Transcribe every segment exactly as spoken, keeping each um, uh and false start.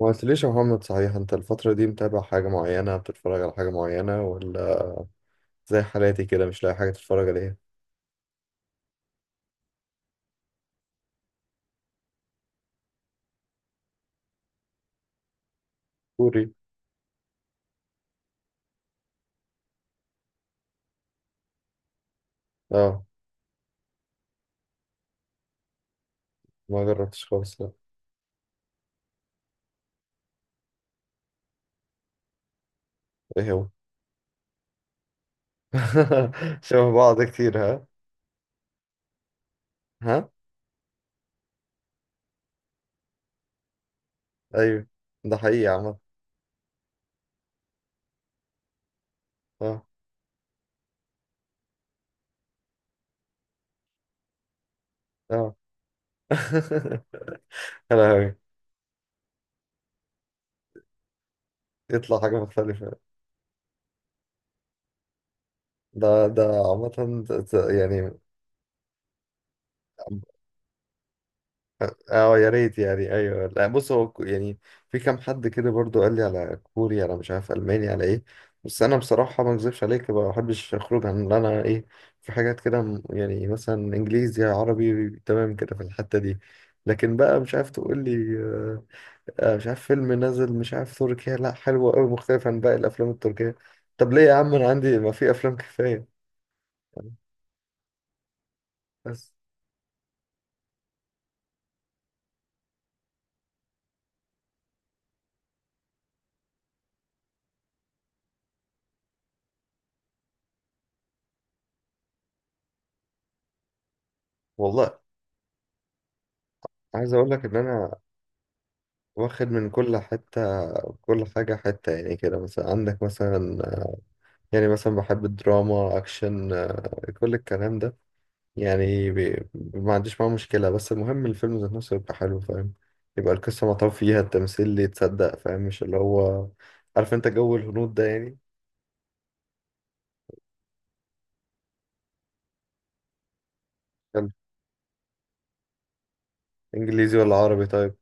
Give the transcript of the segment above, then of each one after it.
ما قلتليش يا محمد، صحيح انت الفترة دي متابع حاجة معينة، بتتفرج على حاجة معينة ولا زي حالاتي كده مش لاقي حاجة تتفرج عليها؟ كوري. اه، ما جربتش خالص، لا. ايه هو؟ شبه بعض كتير، ها. ها. ايوه، ده حقيقي يا عم. اه، اه. يا لهوي. يطلع حاجة مختلفة. ده ده عامة. ده- ده يعني، اه، يا ريت يعني، ايوه، لا، بص، هو ك- يعني، في كام حد كده برضو قال لي على كوري، على مش عارف الماني، على ايه. بس انا بصراحه ما اكذبش عليك، ما بحبش اخرج عن اللي انا ايه. في حاجات كده، م- يعني مثلا انجليزي، عربي، تمام كده في الحته دي. لكن بقى مش عارف تقول لي، آه، آه، مش عارف فيلم نازل، مش عارف، تركيا، لا حلو قوي، مختلف عن باقي الافلام التركيه. طب ليه يا عم، انا عندي، ما في افلام كفايه؟ بس. والله، عايز اقول لك ان انا واخد من كل حتة. كل حاجة حتة يعني، كده مثلا عندك، مثلا يعني، مثلا بحب الدراما، أكشن، آه، كل الكلام ده. يعني بي- ما عنديش معاه مشكلة، بس المهم الفيلم ذات نفسه يبقى حلو، فاهم. يبقى القصة مطوب فيها، التمثيل اللي يتصدق، فاهم، مش اللي هو. عارف انت جو الهنود ده يعني. يلا، انجليزي ولا عربي، طيب.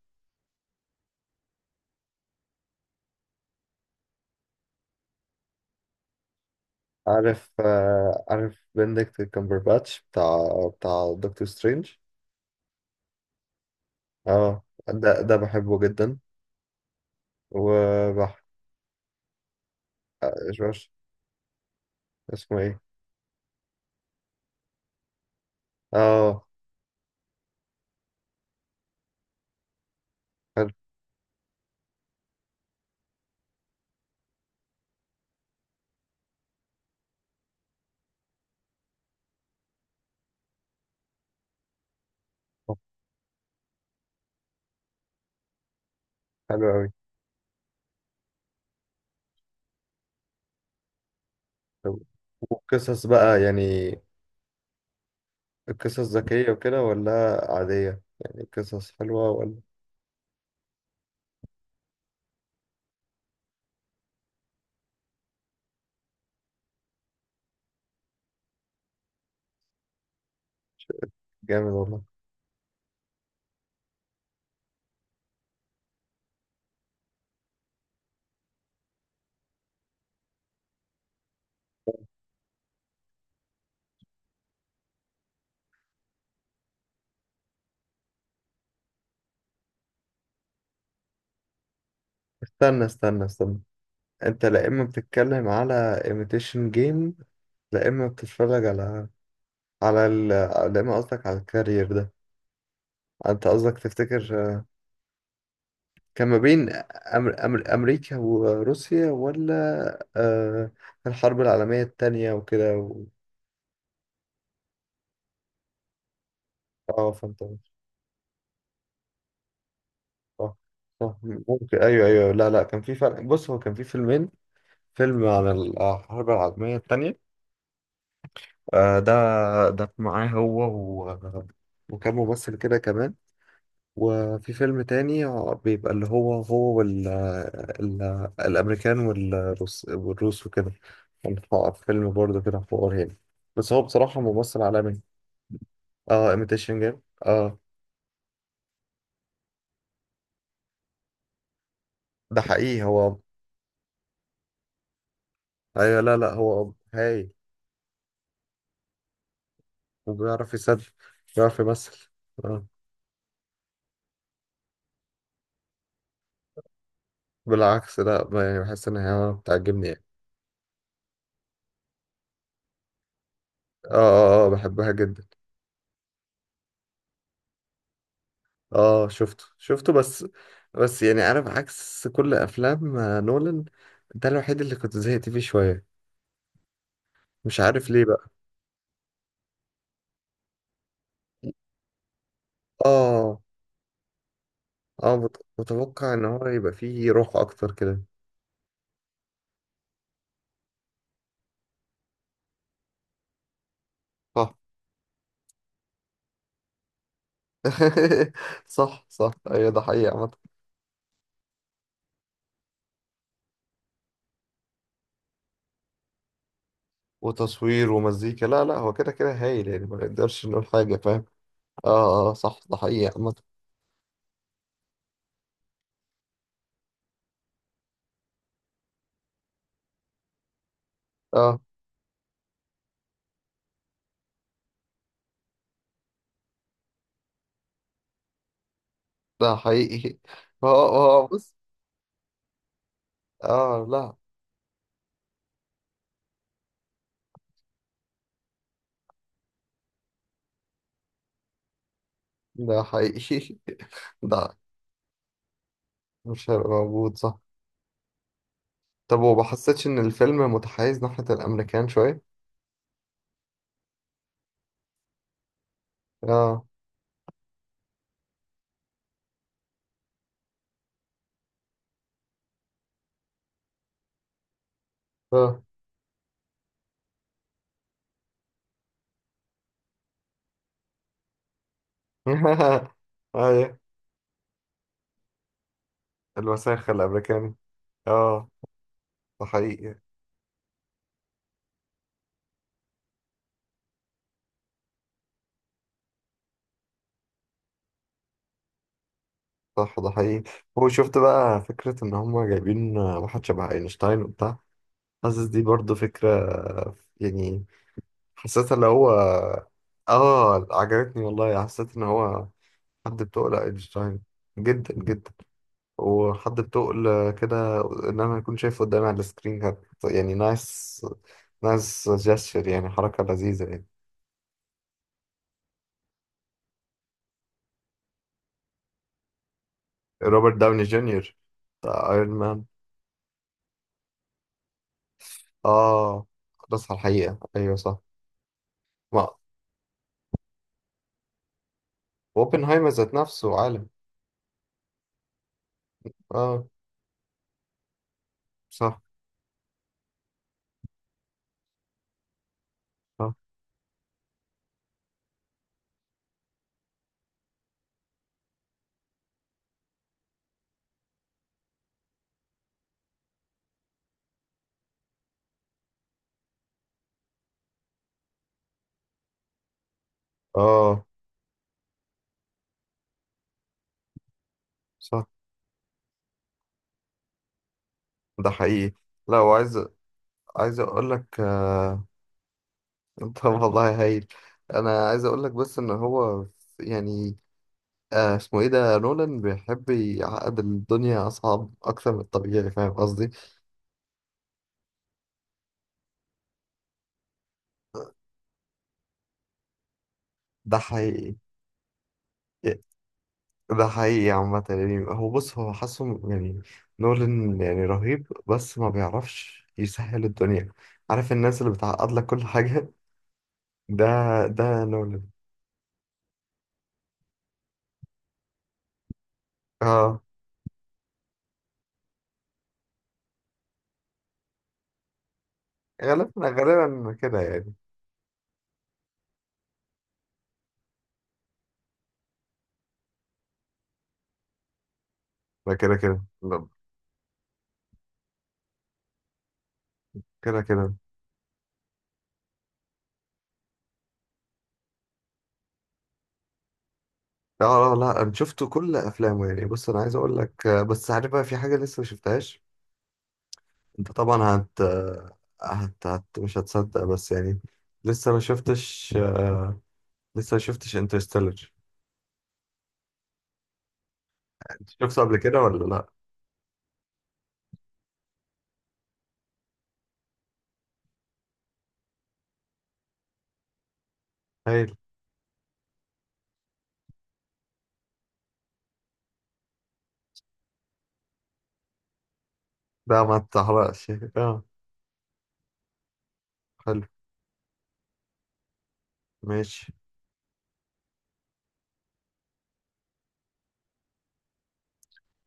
عارف، آه، عارف بندكت كامبرباتش بتاع بتاع دكتور سترينج. اه، ده ده بحبه جدا. وبح اسمه ايه؟ اه. حلو حلو قوي. طب، وقصص بقى يعني، القصص ذكية وكده ولا عادية، يعني قصص حلوة ولا؟ جامد والله. استنى، استنى، استنى. انت، لا اما بتتكلم على ايميتيشن جيم، لا اما بتتفرج على على ال... لا اما قصدك على الكارير ده؟ انت قصدك تفتكر، آه، كان ما بين أمر... أمر... امريكا وروسيا، ولا آه... الحرب العالمية التانية وكده و... اه، فهمت. صح، صح، ممكن، ايوه، ايوه، لا، لا، كان في فرق، بص هو كان في فيلمين. فيلم عن الحرب العالميه الثانيه، ده. ده معاه هو و... وكان ممثل كده كمان. وفي فيلم تاني، آه، بيبقى اللي هو هو وال... ال... الامريكان والروس والروس وكده. كان ح- فيلم برضه كده، حوار يعني. بس هو بصراحه ممثل عالمي. اه، ايميتيشن جيم، اه. ده حقيقي هو. ايوه، لا، لا، هو هايل. وبيعرف يسد. بيعرف يمثل. اه. بالعكس لا، ما- يعني بحس ان هي بتعجبني يعني. اه، اه، اه، بحبها جدا. اه، شفته شفته، بس بس يعني انا بعكس كل افلام آه، نولان، ده الوحيد اللي كنت زهقت فيه شوية. مش عارف ليه بقى. اه، اه، مت- متوقع ان هو يبقى فيه روح اكتر كده. صح. صح، صح، ايوه، ده حقيقي، عامة. وتصوير ومزيكا، لا، لا، هو كده كده هايل يعني، ما نقدرش نقول حاجة، فاهم. اه، اه، صح، ده حقيقي، عامة. اه، ده حقيقي. هو هو بص. اه، لا، ده حقيقي. ده مش هيبقى موجود، صح. طب، وما حسيتش ان الفيلم متحيز ناحية الامريكان شوية؟ اه، اه، ايوه، الوساخة الامريكاني. اه، ده حقيقي. صح، ده حقيقي. هو شفت بقى فكرة ان هم جايبين واحد شبه اينشتاين وبتاع، حاسس دي برضو فكرة، يعني، حسيتها اللي هو، اه، عجبتني والله، حسيت ان هو حد بتقل اينشتاين، جدا جدا، وحد بتقل كده، ان انا اكون شايفه قدامي على السكرين كانت يعني نايس، نايس جستشر، يعني حركة لذيذة يعني. روبرت داوني جونيور، بتاع ايرون مان. اه، خلاص، على الحقيقة، ايوه، صح. ما، اوبنهايمر ذات نفسه عالم. اه، صح، صح. اه، صح، ده حقيقي. لا، وعايز، عايز اقول لك، آه... طب والله هايل. انا عايز اقول لك بس ان هو يعني، آه اسمه ايه ده نولان، بيحب يعقد الدنيا اصعب اكتر من الطبيعي، فاهم قصدي. ده حقيقي. ده حقيقي عامة يعني، هو بص، هو حاسه يعني. نولان يعني رهيب، بس ما بيعرفش يسهل الدنيا. عارف الناس اللي بتعقد لك كل حاجة، ده ده نولان. اه، غالبا غالبا كده يعني. لا، كده كده لا. كده كده، لا، لا، لا، انا شفت كل افلامه يعني. بص انا عايز اقول لك، آه، بس عارف بقى في حاجة لسه ما شفتهاش. انت طبعا هت... هت... هت... مش هتصدق بس يعني، لسه ما شفتش، لسه ما شفتش انترستيلر. انت شفته قبل كده ولا لا؟ هايل. ده ما تحرقش. اه، حلو، ماشي،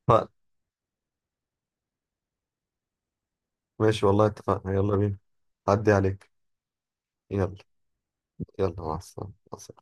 اتفقنا. ماشي والله، اتفقنا، يلا بينا. عدي عليك. يلا. يلا، مع السلامة، مع السلامة.